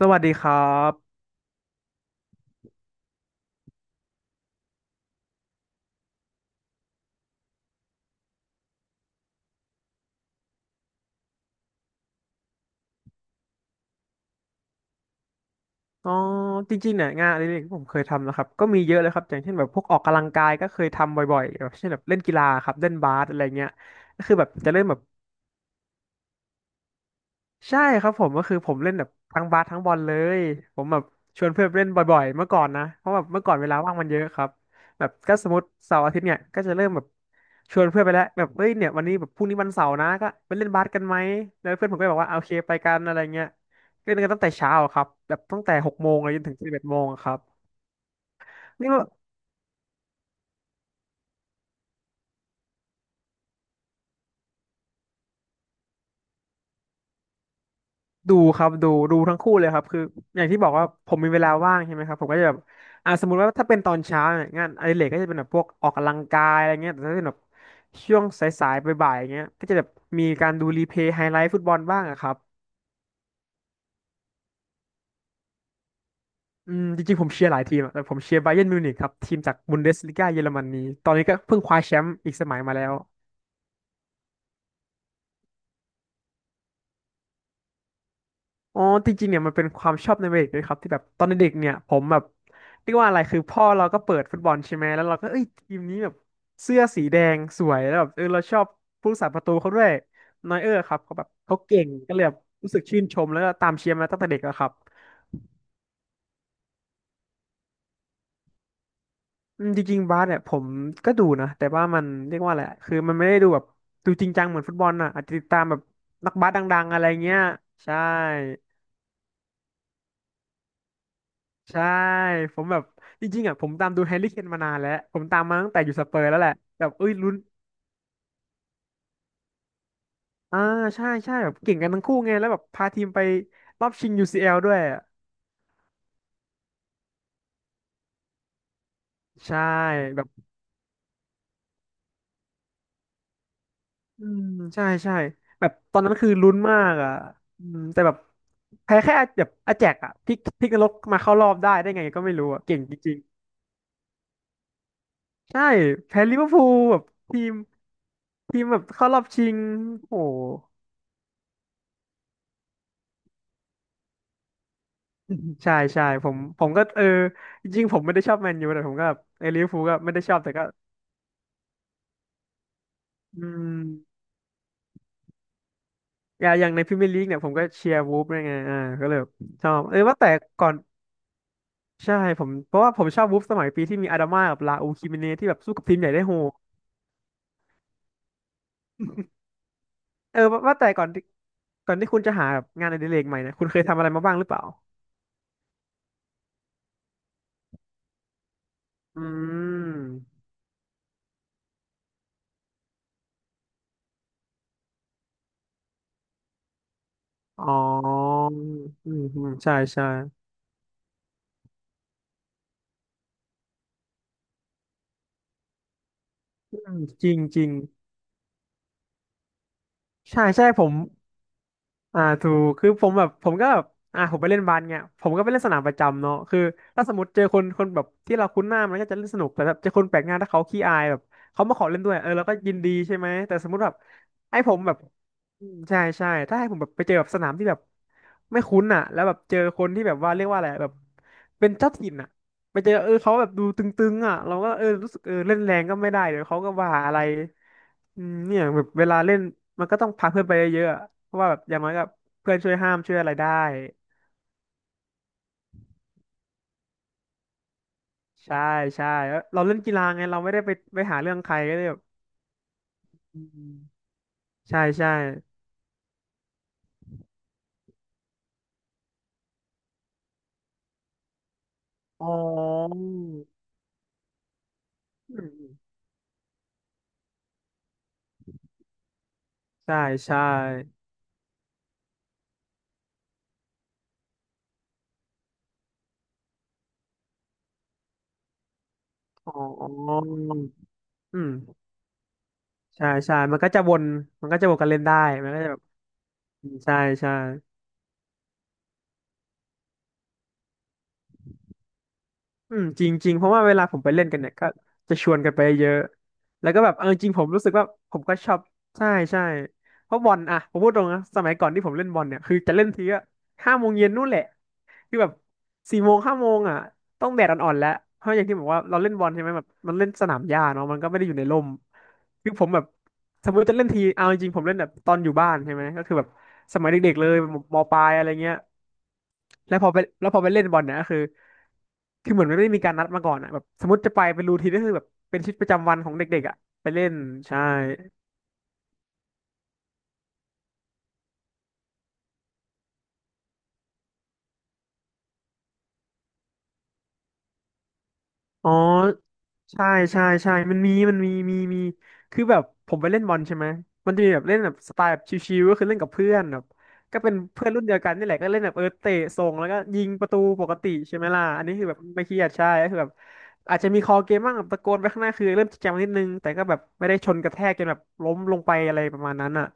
สวัสดีครับอ๋อจริงๆเนี่ยงานอดิเรกที่ผมเคยทำนะครับ ก็มีเยอะเลยครับ อย่างเช่นแบบพวกออกกำลังกายก็เคยทำบ่อยๆแบบเช่นแบบเล่นกีฬาครับ เล่นบาสอะไรเงี้ยก็คือแบบจะเริ่มแบบ ใช่ครับผมก็คือผมเล่นแบบทั้งบาสทั้งบอลเลยผมแบบชวนเพื่อนเล่นบ่อยๆเมื่อก่อนนะเพราะแบบเมื่อก่อนเวลาว่างมันเยอะครับแบบก็สมมติเสาร์อาทิตย์เนี่ยก็จะเริ่มแบบชวนเพื่อนไปแล้วแบบเอ้ยเนี่ยวันนี้แบบพรุ่งนี้วันเสาร์นะก็ไปเล่นบาสกันไหมแล้วเพื่อนผมก็บอกว่าโอเคไปกันอะไรเงี้ยเล่นกันตั้งแต่เช้าอะครับแบบตั้งแต่หกโมงเลยจนถึงสิบเอ็ดโมงอะครับนี่ว่า ดูครับดูทั้งคู่เลยครับคืออย่างที่บอกว่าผมมีเวลาว่างใช่ไหมครับผมก็จะแบบสมมุติว่าถ้าเป็นตอนเช้าเนี่ยงานอดิเรกก็จะเป็นแบบพวกออกกำลังกายอะไรเงี้ยแต่ถ้าเป็นแบบช่วงสายๆบ่ายๆอย่างเงี้ยก็จะแบบมีการดูรีเพลย์ไฮไลท์ฟุตบอลบ้างอะครับอืมจริงๆผมเชียร์หลายทีมอะแต่ผมเชียร์บาเยิร์นมิวนิกครับทีมจากบุนเดสลิก้าเยอรมนีตอนนี้ก็เพิ่งคว้าแชมป์อีกสมัยมาแล้ว อ๋อจริงๆเนี่ยมันเป็นความชอบในวัยเด็กด้วยครับที่แบบตอนเด็กๆเนี่ยผมแบบเรียกว่าอะไรคือพ่อเราก็เปิดฟุตบอลใช่ไหมแล้วเราก็เอ้ยทีมนี้แบบเสื้อสีแดงสวยแล้วแบบเออเราชอบผู้รักษาประตูเขาด้วยนอยเออร์ครับเขาแบบเขาเก่งก็เลยแบบรู้สึกชื่นชมแล้วก็ตามเชียร์มาตั้งแต่เด็กแล้วครับอืมจริงๆบาสเนี่ยผมก็ดูนะแต่ว่ามันเรียกว่าอะไรคือมันไม่ได้ดูแบบดูจริงจังเหมือนฟุตบอลน่ะอาจจะติดตามแบบนักบาสดังๆอะไรเงี้ยใช่ ใช่ผมแบบจริงๆอ่ะผมตามดูแฮร์รี่เคนมานานแล้วผมตามมาตั้งแต่อยู่สเปอร์แล้วแหละแบบเอ้ยลุ้นอ่าใช่ใช่แบบเก่งกันทั้งคู่ไงแล้วแบบพาทีมไปรอบชิง UCL ด้วยอะใช่แบบอืมใช่ใช่แบบตอนนั้นคือลุ้นมากอ่ะอืมแต่แบบแพ้แค่แบบอาแจกอ่ะพลิกนรกมาเข้ารอบได้ไงก็ไม่รู้อ่ะเก่งจริงๆใช่แพ้ลิเวอร์พูลแบบทีมทีมแบบเข้ารอบชิงโห ใช่ใช่ผมก็เออจริงๆผมไม่ได้ชอบแมนยูแต่ผมก็แบบเออลิเวอร์พูลก็ไม่ได้ชอบแต่ก็อืมอย่างในพรีเมียร์ลีกเนี่ยผมก็เชียร์วูฟด้วยไงก็เลยแบบชอบเออว่าแต่ก่อนใช่ผมเพราะว่าผมชอบวูฟสมัยปีที่มีอาดาม่ากับลาอูคิมิเนที่แบบสู้กับทีมใหญ่ได้โหดเออว่าแต่ก่อนที่ก่อนที่คุณจะหาแบบงานอดิเรกใหม่เนี่ยคุณเคยทำอะไรมาบ้างหรือเปล่าอืมอ๋ออืมอืมใช่ใช่อืมจริงจริงใช่ใช่ผม ถูกคือผมแบบผมก็แบบผมไปเล่นบาสเนี่ยผมก็ไปเล่นสนามประจำเนาะคือถ้าสมมติเจอคนคนแบบที่เราคุ้นหน้ามันก็จะเล่นสนุกแต่แบบเจอคนแปลกหน้าถ้าเขาขี้อายแบบเขามาขอเล่นด้วยเออเราก็ยินดีใช่ไหมแต่สมมติแบบไอ้ผมแบบอืมใช่ใช่ถ้าให้ผมแบบไปเจอแบบสนามที่แบบไม่คุ้นอ่ะแล้วแบบเจอคนที่แบบว่าเรียกว่าอะไรแบบเป็นเจ้าถิ่นอ่ะไปเจอเออเขาแบบดูตึงๆอ่ะเราก็เออรู้สึกเออเล่นแรงก็ไม่ได้เดี๋ยวเขาก็ว่าอะไรอืมเนี่ยแบบเวลาเล่นมันก็ต้องพาเพื่อนไปเยอะๆอะ เพราะว่าแบบอย่างน้อยก็เพื่อนช่วยห้ามช่วยอะไรได้ใช่ใช่แล้วเราเล่นกีฬาไงเราไม่ได้ไปหาเรื่องใครก็เลยแบบอืมใช่ใช่อ๋ออืมใช่ใช่อ๋ออืมใช่ใช่มันก็จะวนกันเล่นได้มันก็จะแบบอืมใช่ใช่ อืมจริงจริงเพราะว่าเวลาผมไปเล่นกันเนี่ยก็จะชวนกันไปเยอะแล้วก็แบบเออจริงผมรู้สึกว่าผมก็ชอบใช่ใช่เพราะบอลอะผมพูดตรงนะสมัยก่อนที่ผมเล่นบอลเนี่ยคือจะเล่นทีก็5 โมงเย็นนู่นแหละคือแบบ4 โมงห้าโมงอะต้องแดดอ่อนๆแล้วเพราะอย่างที่บอกว่าเราเล่นบอลใช่ไหมแบบมันเล่นสนามหญ้าเนาะมันก็ไม่ได้อยู่ในร่มคือผมแบบสมมติจะเล่นทีเอาจริงๆผมเล่นแบบตอนอยู่บ้านใช่ไหมก็คือแบบสมัยเด็กๆเลยมมปลายอะไรเงี้ย แล้วพอไปเล่นบอลเนี่ยก็คือ คือเหมือนมันไม่ได้มีการนัดมาก่อนอ่ะแบบสมมติจะไปเป็นรูทีนก็คือแบบเป็นชีวิตประจำวันของเด็กๆอ่ะไปเล่นใช่ อ๋อใช่ใช่ใช่มันมีคือแบบผมไปเล่นบอลใช่ไหมมันจะมีแบบเล่นแบบสไตล์แบบชิวๆก็คือเล่นกับเพื่อนแบบก็เป็นเพื่อนรุ่นเดียวกันนี่แหละก็เล่นแบบเออเตะส่งแล้วก็ยิงประตูปกติใช่ไหมล่ะอันนี้คือแบบไม่เครียดใช่ก็คือแบบอาจจะมีคอเกมบ้างแบบตะโกนไปข้างหน้าคือเริ่มจริงจังนิดนึงแต่ก็แบบไม่ได้ชนกระแทกจนแบบล้มลงไปอะไรประมาณนั้นอ่ะ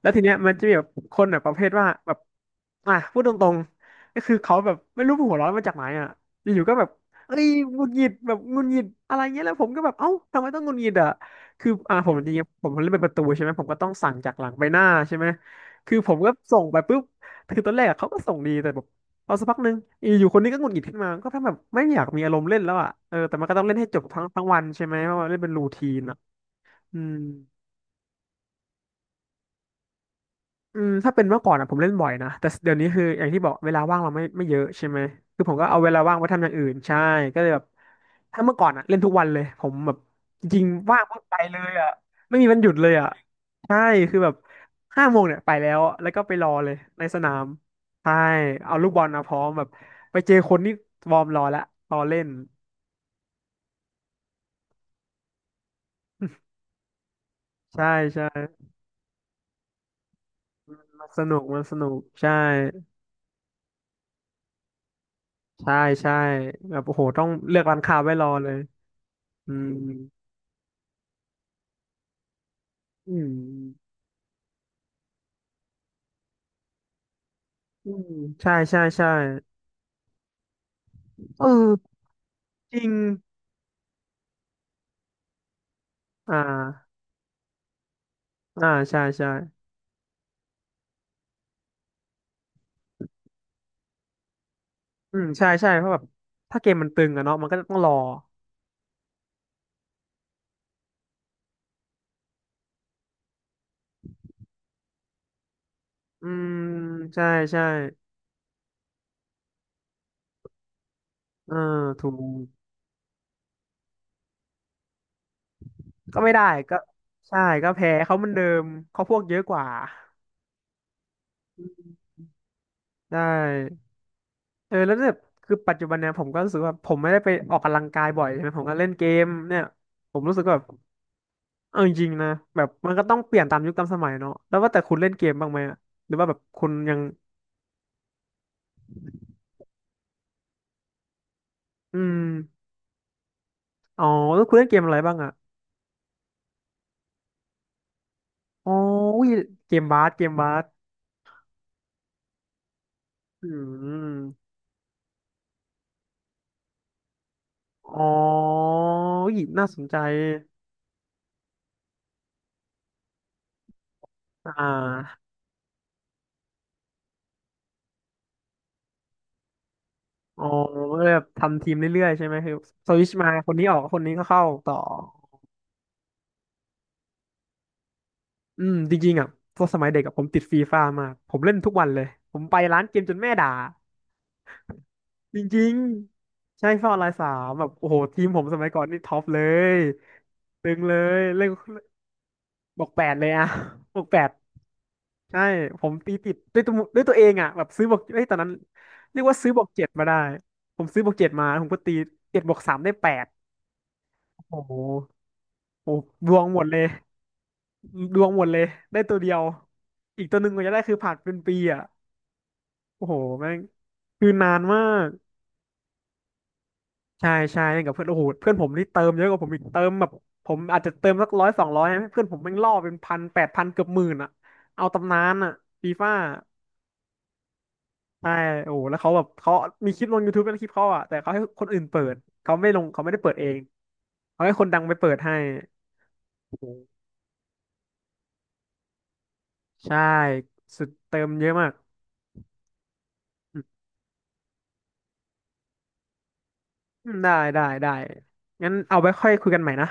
แล้วทีเนี้ยมันจะมีแบบคนแบบประเภทว่าแบบอ่ะพูดตรงๆก็คือเขาแบบไม่รู้หัวร้อนมาจากไหนอ่ะอยู่ๆก็แบบ เอ้ยหงุดหงิดแบบหงุดหงิดอะไรเงี้ยแล้วผมก็แบบเอ้าทำไมต้องหงุดหงิดอ่ะคือผมจริงๆผมเล่นเป็นประตูใช่ไหมผมก็ต้องสั่งจากหลังไปหน้าใช่ไหมคือผมก็ส่งไปปุ๊บคือตอนแรกอะเขาก็ส่งดีแต่แบบพอสักพักหนึ่งอยู่ๆคนนี้ก็หงุดหงิดขึ้นมาก็ทำแบบไม่อยากมีอารมณ์เล่นแล้วอ่ะเออแต่มันก็ต้องเล่นให้จบทั้งวันใช่ไหมเพราะว่าเล่นเป็นรูทีนอ่ะอืม อืมถ้าเป็นเมื่อก่อนอ่ะผมเล่นบ่อยนะแต่เดี๋ยวนี้คืออย่างที่บอกเวลาว่างเราไม่ไม่เยอะใช่ไหมคือผมก็เอาเวลาว่างไปทำอย่างอื่นใช่ก็เลยแบบถ้าเมื่อก่อนอ่ะเล่นทุกวันเลยผมแบบจริงๆว่างปุ๊บไปเลยอ่ะไม่มีวันหยุดเลยอ่ะใช่คือแบบห้าโมงเนี่ยไปแล้วแล้วก็ไปรอเลยในสนามใช่เอาลูกบอลมาพร้อมแบบไปเจอคนนี่วอร์มรอแล้วรอเล่น ใช่ใช่มันสนุกมันสนุกใช่ใช่ใช่แบบโอ้โหต้องเลือกร้านค้าไว้รอเลยอืม อืมอืมใช่ใช่ใช่เออจริงอ่าอ่าใช่ใช่อืมใช่ใช่เพราะแบบถ้าเกมมันตึงอะเนาะมันก็ต้องรออืมใช่ใช่เออถูกก็ไม่ได้ก็ใช่ก็แพ้เขาเหมันเดิมเขาพวกเยอะกว่าอืมใช่เออแล้วแบบคือปัจจุบันเนี่ยผมก็รู้สึกว่าผมไม่ได้ไปออกกำลังกายบ่อยใช่ไหมผมก็เล่นเกมเนี่ยผมรู้สึกว่าแบบ เอาจริงๆนะแบบมันก็ต้องเปลี่ยนตามยุคตามสมัยเนาะแล้วว่าแต่คุณเล่นเกมบ้างไหมอะหรือว่าแบบคุณยังอืมอ๋อแล้วคุณเล่นเกมอะไรบ้างอะอ๋ออุ๊ยเกมบาสเกมบาสอืมอ๋ออุ๊ยน่าสนใจอ่าอ๋อก็เลยแบบทำทีมเรื่อยๆใช่ไหมคือสวิชมาคนนี้ออกคนนี้ก็เข้าต่ออืมจริงๆอ่ะตอนสมัยเด็กอะผมติดฟรีฟามากผมเล่นทุกวันเลยผมไปร้านเกมจนแม่ด่า จริงๆใช่ฟอร์ไลน์สามแบบโอ้โหทีมผมสมัยก่อนนี่ท็อปเลยตึงเลยเล่นบอกแปดเลยอะ บอกแปดใช่ผมตีติดด้วยตัวเองอะแบบซื้อบอกเอ้ยตอนนั้นเรียกว่าซื้อบอกเจ็ดมาได้ผมซื้อบอกเจ็ดมาผมก็ตีเจ็ดบอกสามได้แปดโอ้โหโอ้โหดวงหมดเลยดวงหมดเลยได้ตัวเดียวอีกตัวหนึ่งกว่าจะได้คือผ่านเป็นปีอะโอ้โหแม่งคือนานมาก ใช่ใช่เล่นกับเพื่อนโอ้โหเพื่อนผมนี่เติมเยอะกว่าผมอีกเติมแบบผมอาจจะเติมสักร้อย200เพื่อนผมแม่งล่อเป็นพัน8000เกือบ10000อ่ะเอาตำนานอ่ะฟีฟ่าใช่โอ้โหแล้วเขาแบบเขามีคลิปลง YouTube เป็นคลิปเขาอ่ะแต่เขาให้คนอื่นเปิดเขาไม่ลงเขาไม่ได้เปิดเองเขาให้คนดังไปเปิดให้โอ้โหใช่สุดเติมเยอะมากอืมได้ได้ได้งั้นเอาไว้ค่อยคุยกันใหม่นะ